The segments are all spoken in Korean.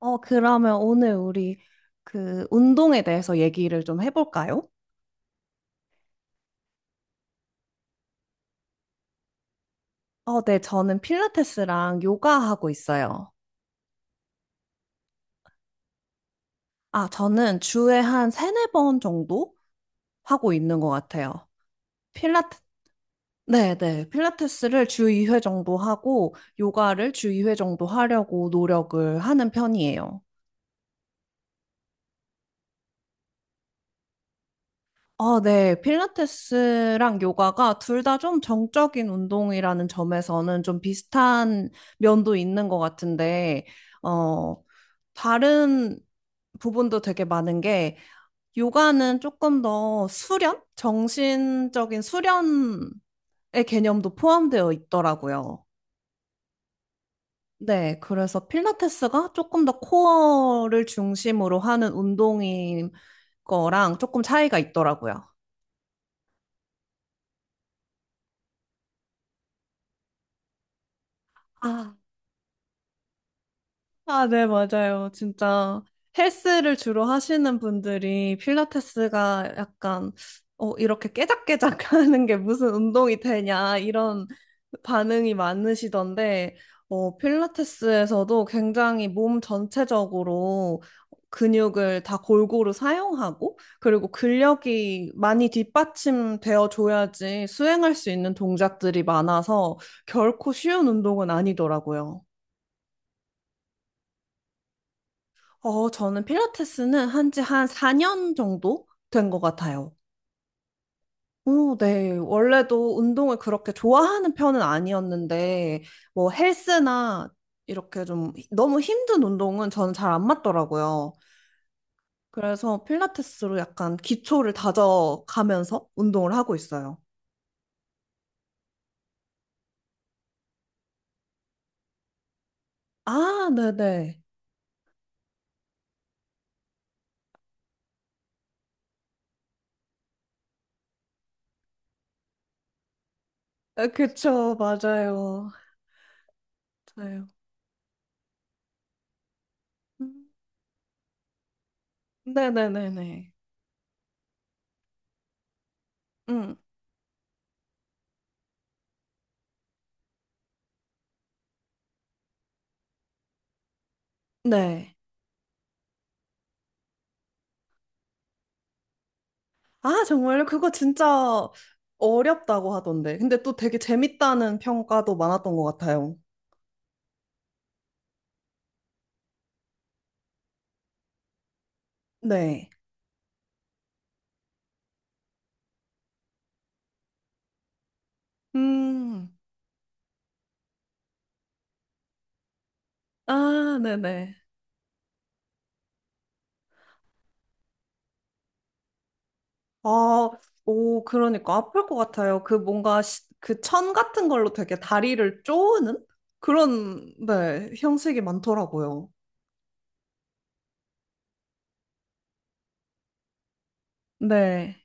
그러면 오늘 우리 그 운동에 대해서 얘기를 좀 해볼까요? 네, 저는 필라테스랑 요가 하고 있어요. 아, 저는 주에 한 세네 번 정도 하고 있는 것 같아요. 필라테, 네, 네. 필라테스를 주 2회 정도 하고 요가를 주 2회 정도 하려고 노력을 하는 편이에요. 아, 네. 필라테스랑 요가가 둘 다 좀 정적인 운동이라는 점에서는 좀 비슷한 면도 있는 것 같은데, 어, 다른 부분도 되게 많은 게, 요가는 조금 더 수련? 정신적인 수련의 개념도 포함되어 있더라고요. 네. 그래서 필라테스가 조금 더 코어를 중심으로 하는 운동인 거랑 조금 차이가 있더라고요. 아, 아, 네, 맞아요. 진짜 헬스를 주로 하시는 분들이 필라테스가 약간 이렇게 깨작깨작 하는 게 무슨 운동이 되냐 이런 반응이 많으시던데 필라테스에서도 굉장히 몸 전체적으로 근육을 다 골고루 사용하고 그리고 근력이 많이 뒷받침되어 줘야지 수행할 수 있는 동작들이 많아서 결코 쉬운 운동은 아니더라고요. 저는 필라테스는 한지 한 4년 정도 된 것 같아요. 오, 네. 원래도 운동을 그렇게 좋아하는 편은 아니었는데, 뭐 헬스나 이렇게 좀 너무 힘든 운동은 저는 잘 안 맞더라고요. 그래서 필라테스로 약간 기초를 다져가면서 운동을 하고 있어요. 아, 네네. 아, 그쵸, 맞아요. 맞아요. 음, 네네네네. 음, 네. 아, 정말요? 그거 진짜 어렵다고 하던데. 근데 또 되게 재밌다는 평가도 많았던 것 같아요. 네. 음, 아, 네네. 아, 오, 그러니까 아플 것 같아요. 그 뭔가 그 천 같은 걸로 되게 다리를 쪼는 그런, 네, 형식이 많더라고요. 네.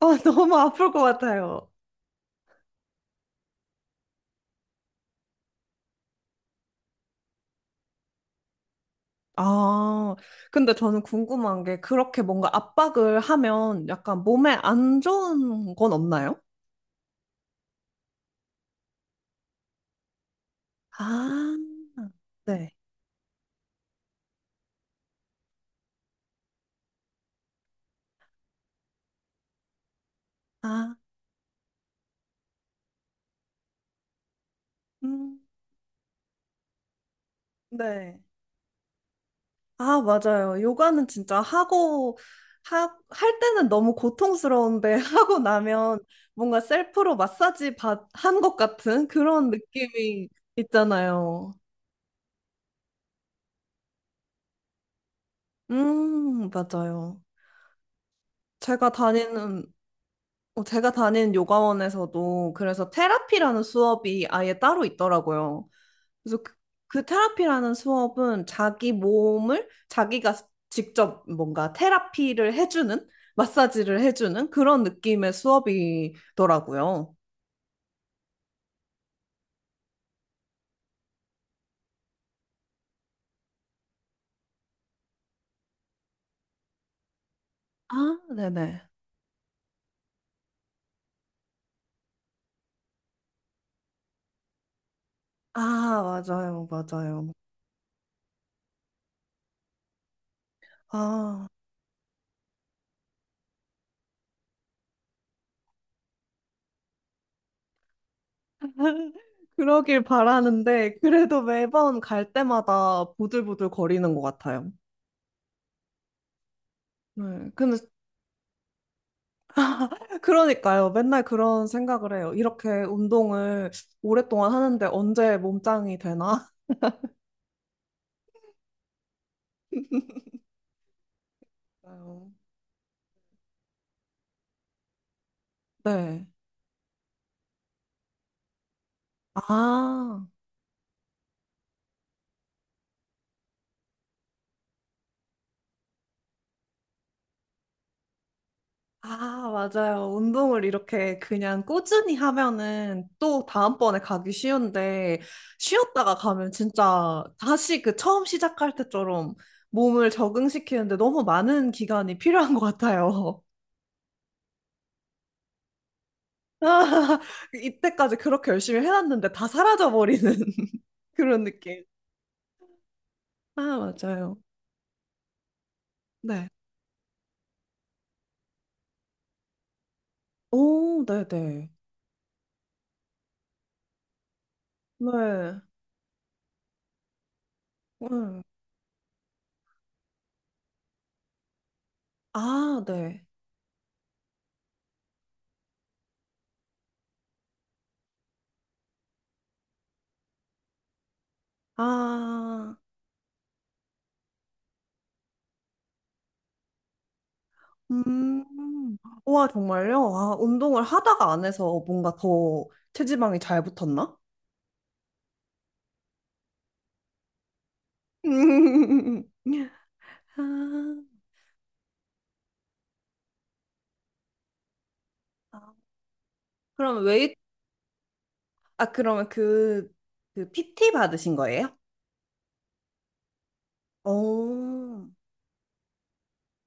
아, 너무 아플 것 같아요. 아, 근데 저는 궁금한 게 그렇게 뭔가 압박을 하면 약간 몸에 안 좋은 건 없나요? 아, 네. 아, 음, 네. 아, 맞아요. 요가는 진짜 하고, 하, 할 때는 너무 고통스러운데, 하고 나면 뭔가 셀프로 마사지 받, 한 것 같은 그런 느낌이 있잖아요. 맞아요. 제가 다니는, 제가 다니는 요가원에서도 그래서 테라피라는 수업이 아예 따로 있더라고요. 그래서 그, 그 테라피라는 수업은 자기 몸을 자기가 직접 뭔가 테라피를 해주는, 마사지를 해주는 그런 느낌의 수업이더라고요. 아, 네네. 아, 맞아요, 맞아요. 아, 그러길 바라는데, 그래도 매번 갈 때마다 보들보들 거리는 것 같아요. 네, 근데, 그러니까요. 맨날 그런 생각을 해요. 이렇게 운동을 오랫동안 하는데 언제 몸짱이 되나? 맞아요. 네. 아, 아, 맞아요. 운동을 이렇게 그냥 꾸준히 하면은 또 다음번에 가기 쉬운데, 쉬었다가 가면 진짜 다시 그 처음 시작할 때처럼 몸을 적응시키는데 너무 많은 기간이 필요한 것 같아요. 아, 이때까지 그렇게 열심히 해놨는데 다 사라져버리는 그런 느낌. 아, 맞아요. 네. 오, 네네. 네. 네. 음. 아, 네. 아. 음, 와, 정말요? 아, 운동을 하다가 안 해서 뭔가 더 체지방이 잘 붙었나? 음. 아, 아, 그럼 웨이트, 그러면 그 PT 받으신 거예요? 어,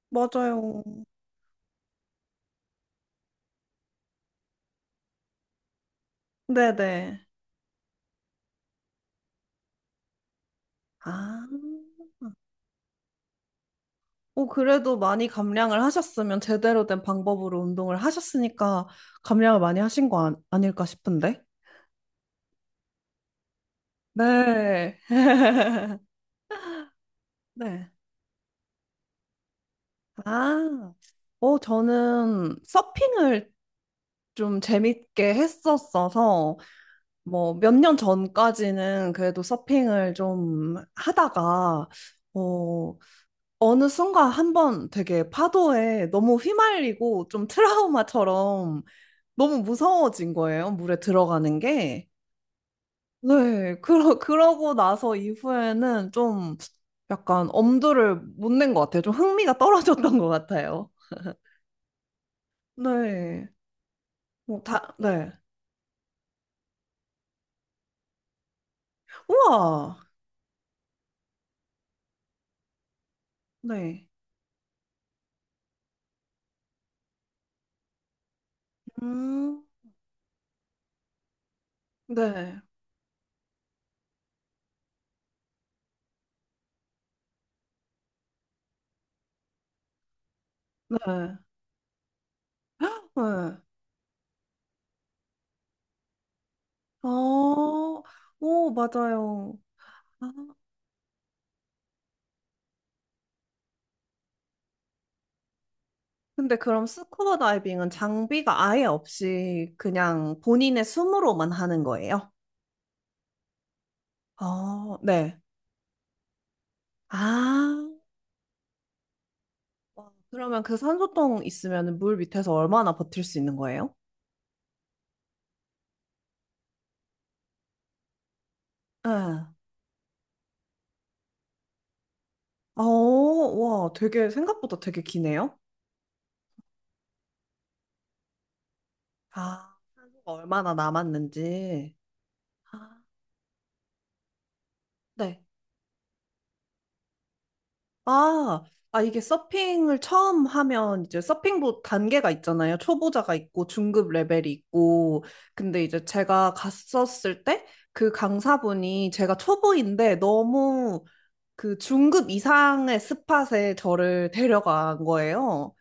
맞아요. 네네. 아, 그래도 많이 감량을 하셨으면 제대로 된 방법으로 운동을 하셨으니까 감량을 많이 하신 거 아닐까 싶은데? 네. 네. 아, 저는 서핑을 좀 재밌게 했었어서, 뭐, 몇 년 전까지는 그래도 서핑을 좀 하다가, 어, 어느 순간 한 번 되게 파도에 너무 휘말리고 좀 트라우마처럼 너무 무서워진 거예요, 물에 들어가는 게. 네, 그러고 나서 이후에는 좀 약간 엄두를 못 낸 것 같아요. 좀 흥미가 떨어졌던 것 같아요. 네. 뭐 네. 우와! 네. 음, 네, 네, 네. 어, 오, 맞아요. 아, 근데 그럼 스쿠버 다이빙은 장비가 아예 없이 그냥 본인의 숨으로만 하는 거예요? 어, 네. 아, 와, 그러면 그 산소통 있으면 물 밑에서 얼마나 버틸 수 있는 거예요? 네. 와, 되게 생각보다 되게 기네요. 아, 산소가 얼마나 남았는지. 아, 네. 아, 아, 이게 서핑을 처음 하면 이제 서핑보 단계가 있잖아요. 초보자가 있고 중급 레벨이 있고. 근데 이제 제가 갔었을 때 그 강사분이 제가 초보인데 너무 그 중급 이상의 스팟에 저를 데려간 거예요.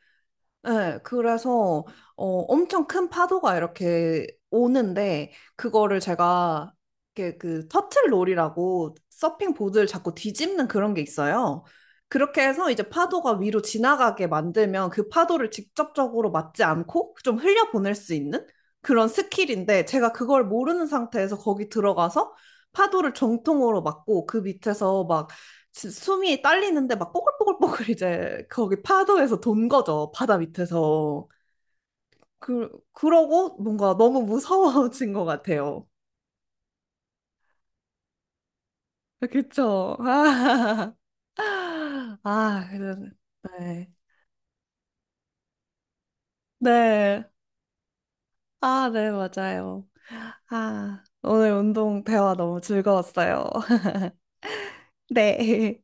네, 그래서 엄청 큰 파도가 이렇게 오는데 그거를 제가 이렇게 그 터틀롤이라고 서핑 보드를 자꾸 뒤집는 그런 게 있어요. 그렇게 해서 이제 파도가 위로 지나가게 만들면 그 파도를 직접적으로 맞지 않고 좀 흘려보낼 수 있는 그런 스킬인데 제가 그걸 모르는 상태에서 거기 들어가서 파도를 정통으로 맞고 그 밑에서 막 숨이 딸리는데 막 뽀글뽀글뽀글 이제 거기 파도에서 돈 거죠. 바다 밑에서. 그러고 뭔가 너무 무서워진 것 같아요. 그쵸? 아, 아, 그래서, 네. 네. 아, 네, 맞아요. 아, 오늘 운동 대화 너무 즐거웠어요. 네.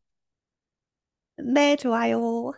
네, 좋아요.